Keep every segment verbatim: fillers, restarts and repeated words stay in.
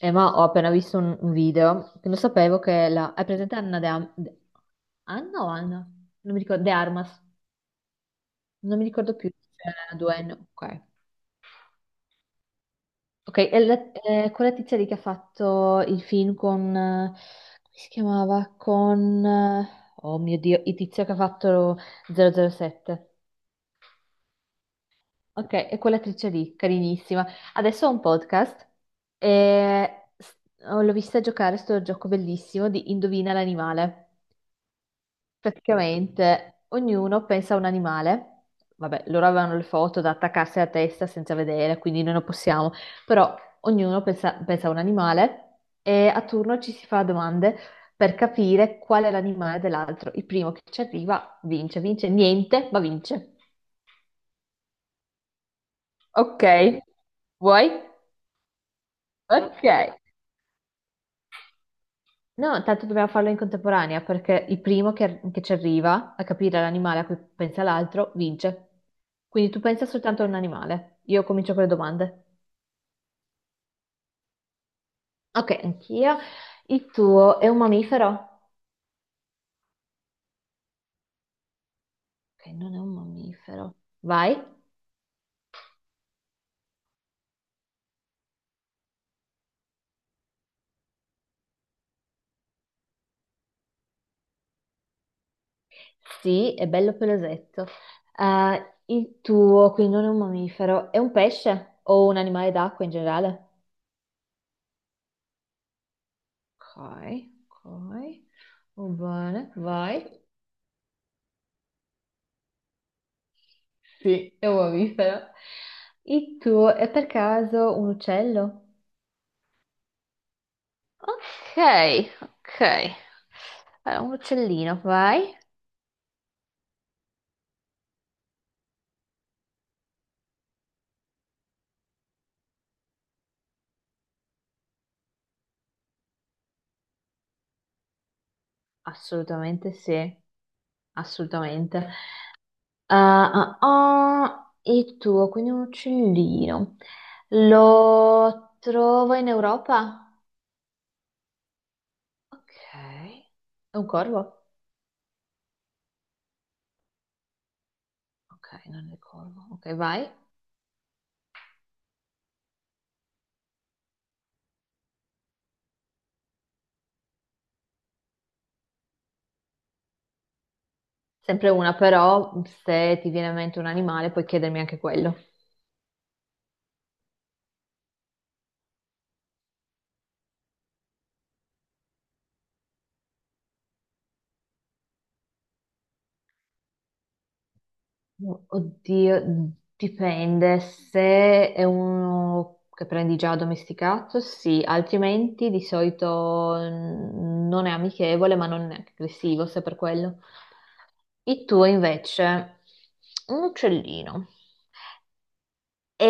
Eh, ma ho appena visto un, un video che non sapevo che la... È presente Anna De Am- De- Anna o Anna? Non mi ricordo, De Armas. Non mi ricordo più. C'è due N. Ok. Ok, è la- è quella tizia lì che ha fatto il film con... eh, come si chiamava? Con... eh, oh mio Dio, il tizio che ha fatto zero zero sette. Ok, è quell'attrice lì, carinissima. Adesso ho un podcast e s- l'ho vista giocare sto gioco bellissimo di Indovina l'animale. Praticamente ognuno pensa a un animale, vabbè, loro avevano le foto da attaccarsi alla testa senza vedere, quindi noi non possiamo, però ognuno pensa, pensa a un animale e a turno ci si fa domande per capire qual è l'animale dell'altro. Il primo che ci arriva vince, vince niente, ma vince. Ok, vuoi? Ok, no, tanto dobbiamo farlo in contemporanea perché il primo che, che ci arriva a capire l'animale a cui pensa l'altro vince. Quindi tu pensa soltanto a un animale. Io comincio con le domande. Ok, anch'io. Il tuo è un mammifero? Ok, non è un mammifero. Vai. Sì, è bello pelosetto. Eh, il tuo, quindi non è un mammifero, è un pesce o un animale d'acqua in generale? Ok, ok. Va bene, vai. Sì, è un mammifero. Il tuo è per caso un uccello? Ok, ok. Allora, un uccellino, vai. Assolutamente sì, assolutamente. Ah, ah, ah, il tuo, quindi un uccellino. Lo trovo in Europa? Ok, è un corvo? Ok, non ricordo. Ok, vai. Sempre una, però se ti viene in mente un animale puoi chiedermi anche quello. Oddio, dipende. Se è uno che prendi già addomesticato, sì, altrimenti di solito mm, non è amichevole, ma non è neanche aggressivo, se per quello. Il tuo invece, un uccellino. È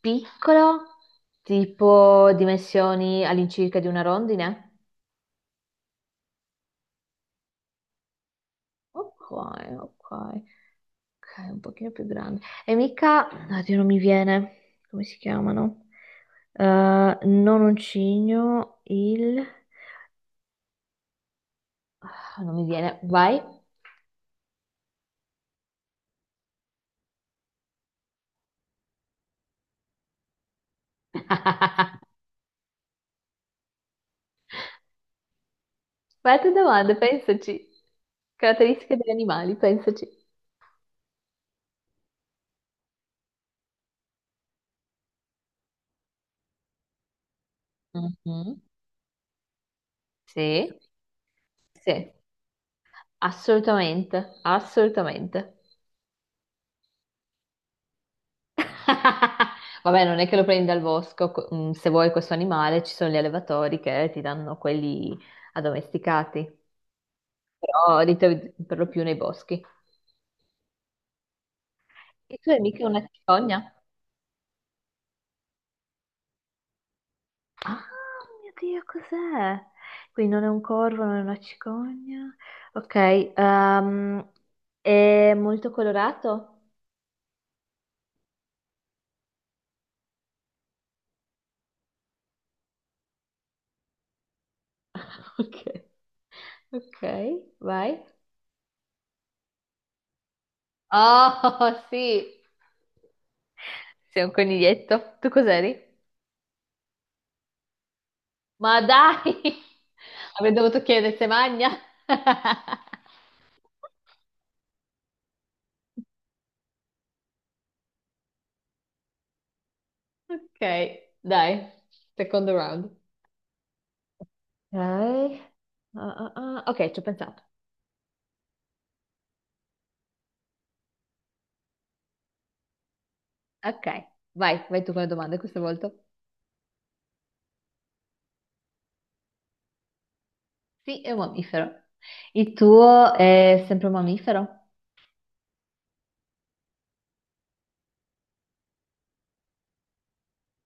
piccolo, tipo dimensioni all'incirca di una rondine? Ok, ok. Ok, un pochino più grande. E mica, oddio, non mi viene, come si chiamano? Eh, non un cigno, il... Ah, non mi viene, vai. Vai a te domande, pensaci. Caratteristiche degli animali, pensaci. Mhm. Sì, sì, assolutamente, assolutamente. Vabbè, non è che lo prendi dal bosco, co- mm, se vuoi questo animale ci sono gli allevatori che ti danno quelli addomesticati. Però di te- per lo più nei boschi. E tu hai mica una cicogna? Ah, mio Dio, cos'è? Quindi non è un corvo, non è una cicogna. Ok, ehm, è molto colorato? Ok, ok, vai. Oh, sì, sei un coniglietto. Tu cos'eri? Ma dai, avrei dovuto chiedere se magna. Ok, dai, secondo round. Ok, ah, ah, ah. Ok, ci ho pensato. Ok, vai, vai tu con le domande questa volta. Sì, è un mammifero. Il tuo è sempre un mammifero?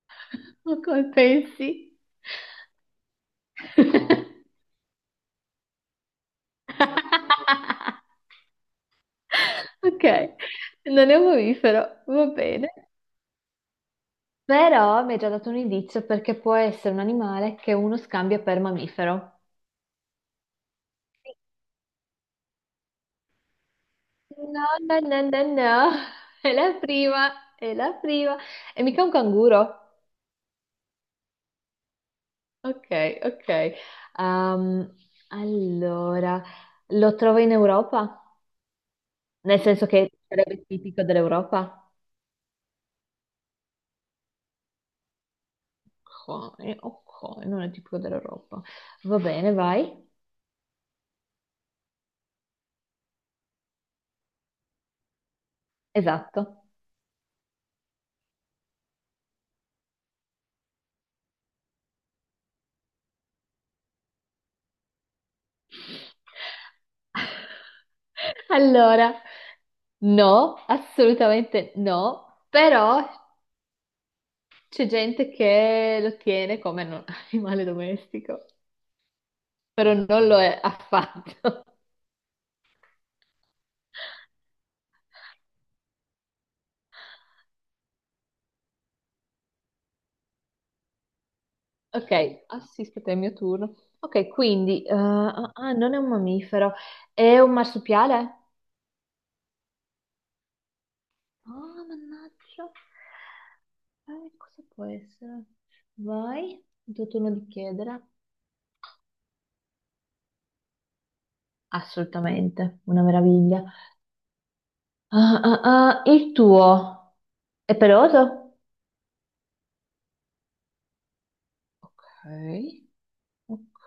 Ma come pensi? Ok, non è un mammifero, va bene. Però mi hai già dato un indizio perché può essere un animale che uno scambia per mammifero. No, no, no, no, no, è la prima, è la prima. È mica un canguro. Ok, ok. Ehm, allora, lo trovo in Europa? Nel senso che sarebbe tipico dell'Europa? Ok, ok, non è tipico dell'Europa. Va bene, vai. Esatto. Allora, no, assolutamente no, però c'è gente che lo tiene come non- animale domestico, però non lo è affatto. Ok, assisto te, è il mio turno. Ok, quindi, eh, ah, ah, non è un mammifero, è un marsupiale? Ah, mannaggia. Eh, cosa può essere? Vai, il tuo turno di chiedere. Assolutamente, una meraviglia. Ah, ah, ah, il tuo è peloso? Ok, ok,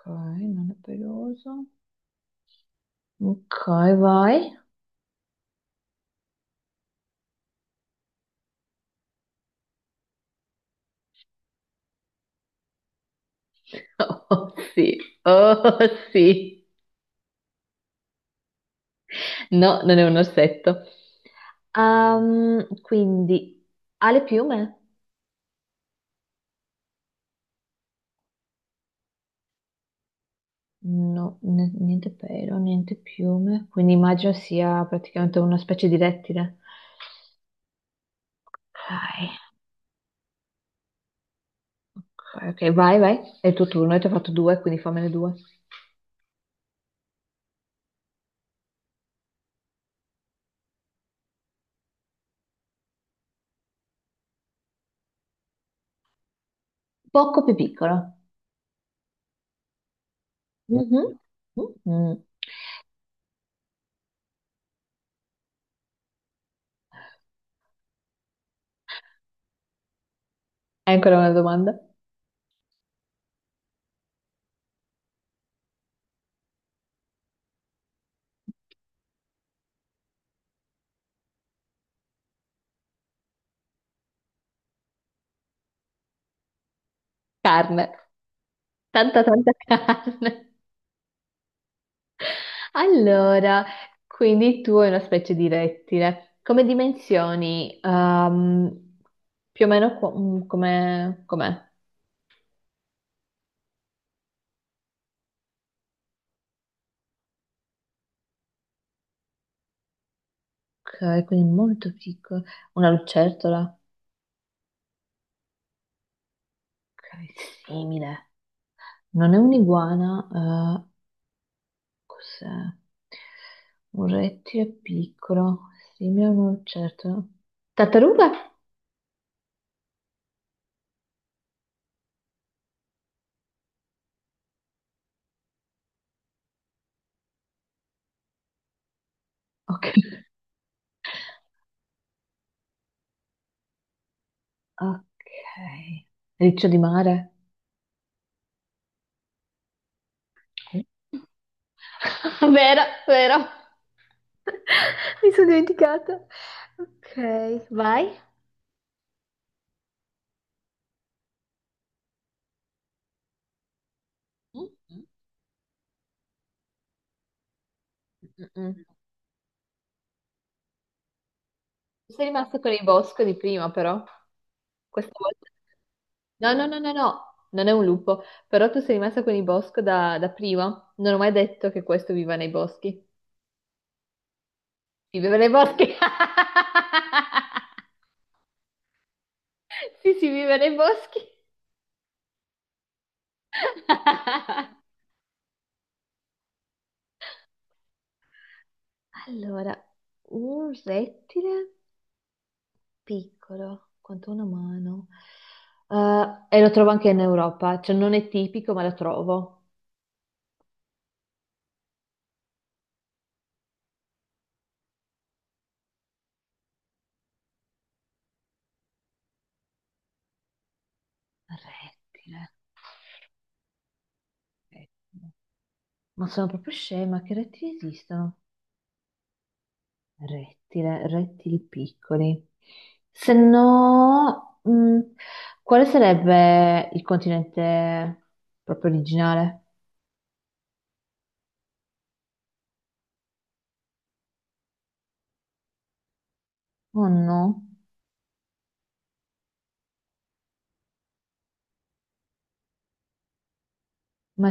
non è peloso. Ok, vai. Oh sì, oh sì. No, non è un orsetto. Ehm, quindi, ha le piume? No, n- niente pelo, niente piume. Quindi immagino sia praticamente una specie di rettile. Ok, ok, ok, vai, vai. È il tuo turno, io ti ho fatto due, quindi fammene due. Poco più piccolo. Mhm. Mhm. Hai ancora una domanda? Carne. Tanta, tanta carne. Allora, quindi tu hai una specie di rettile. Come dimensioni? Ehm, più o meno qu- mm, come... com'è? Ok, quindi molto piccolo. Una lucertola? Ok, simile. Non è un'iguana, eh, cos'è? Un rettile piccolo, simile a una lucertola. Tartaruga? Ok. Ok. Riccio di mare? Vero, vero. Mi sono dimenticata. Ok, vai. Mm, mm, mm, mm. Sei rimasto con il bosco di prima, però. Questa volta. No, no, no, no, no, non è un lupo. Però tu sei rimasta con il bosco da, da prima. Non ho mai detto che questo viva nei boschi. Si vive nei boschi. Sì, si vive nei boschi. Allora, un rettile, piccolo quanto una mano. Eh, e lo trovo anche in Europa, cioè non è tipico, ma lo trovo. Rettile. Rettile. Ma sono proprio scema, che rettili esistono? Rettile, rettili piccoli. Se no, mh, quale sarebbe il continente proprio originale? Oh no, ma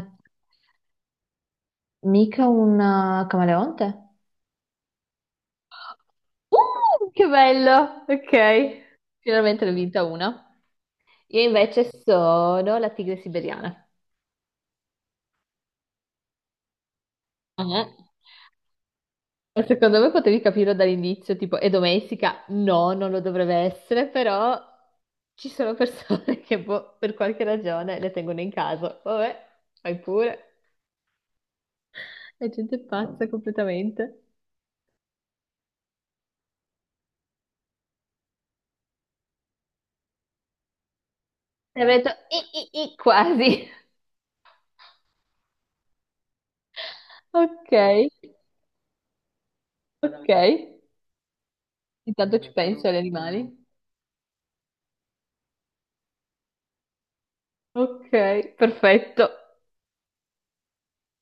mica un eh, camaleonte? Uh, che bello! Ok, finalmente ne ho vinta una. Io invece sono la tigre siberiana. Mhm. Ma secondo me potevi capirlo dall'inizio, tipo è domestica? No, non lo dovrebbe essere, però ci sono persone che boh, per qualche ragione le tengono in casa. Vabbè, fai pure. La gente è pazza completamente. E avrei detto i, i, i, quasi. Ok, ok. Intanto ci penso agli animali. Ok, perfetto.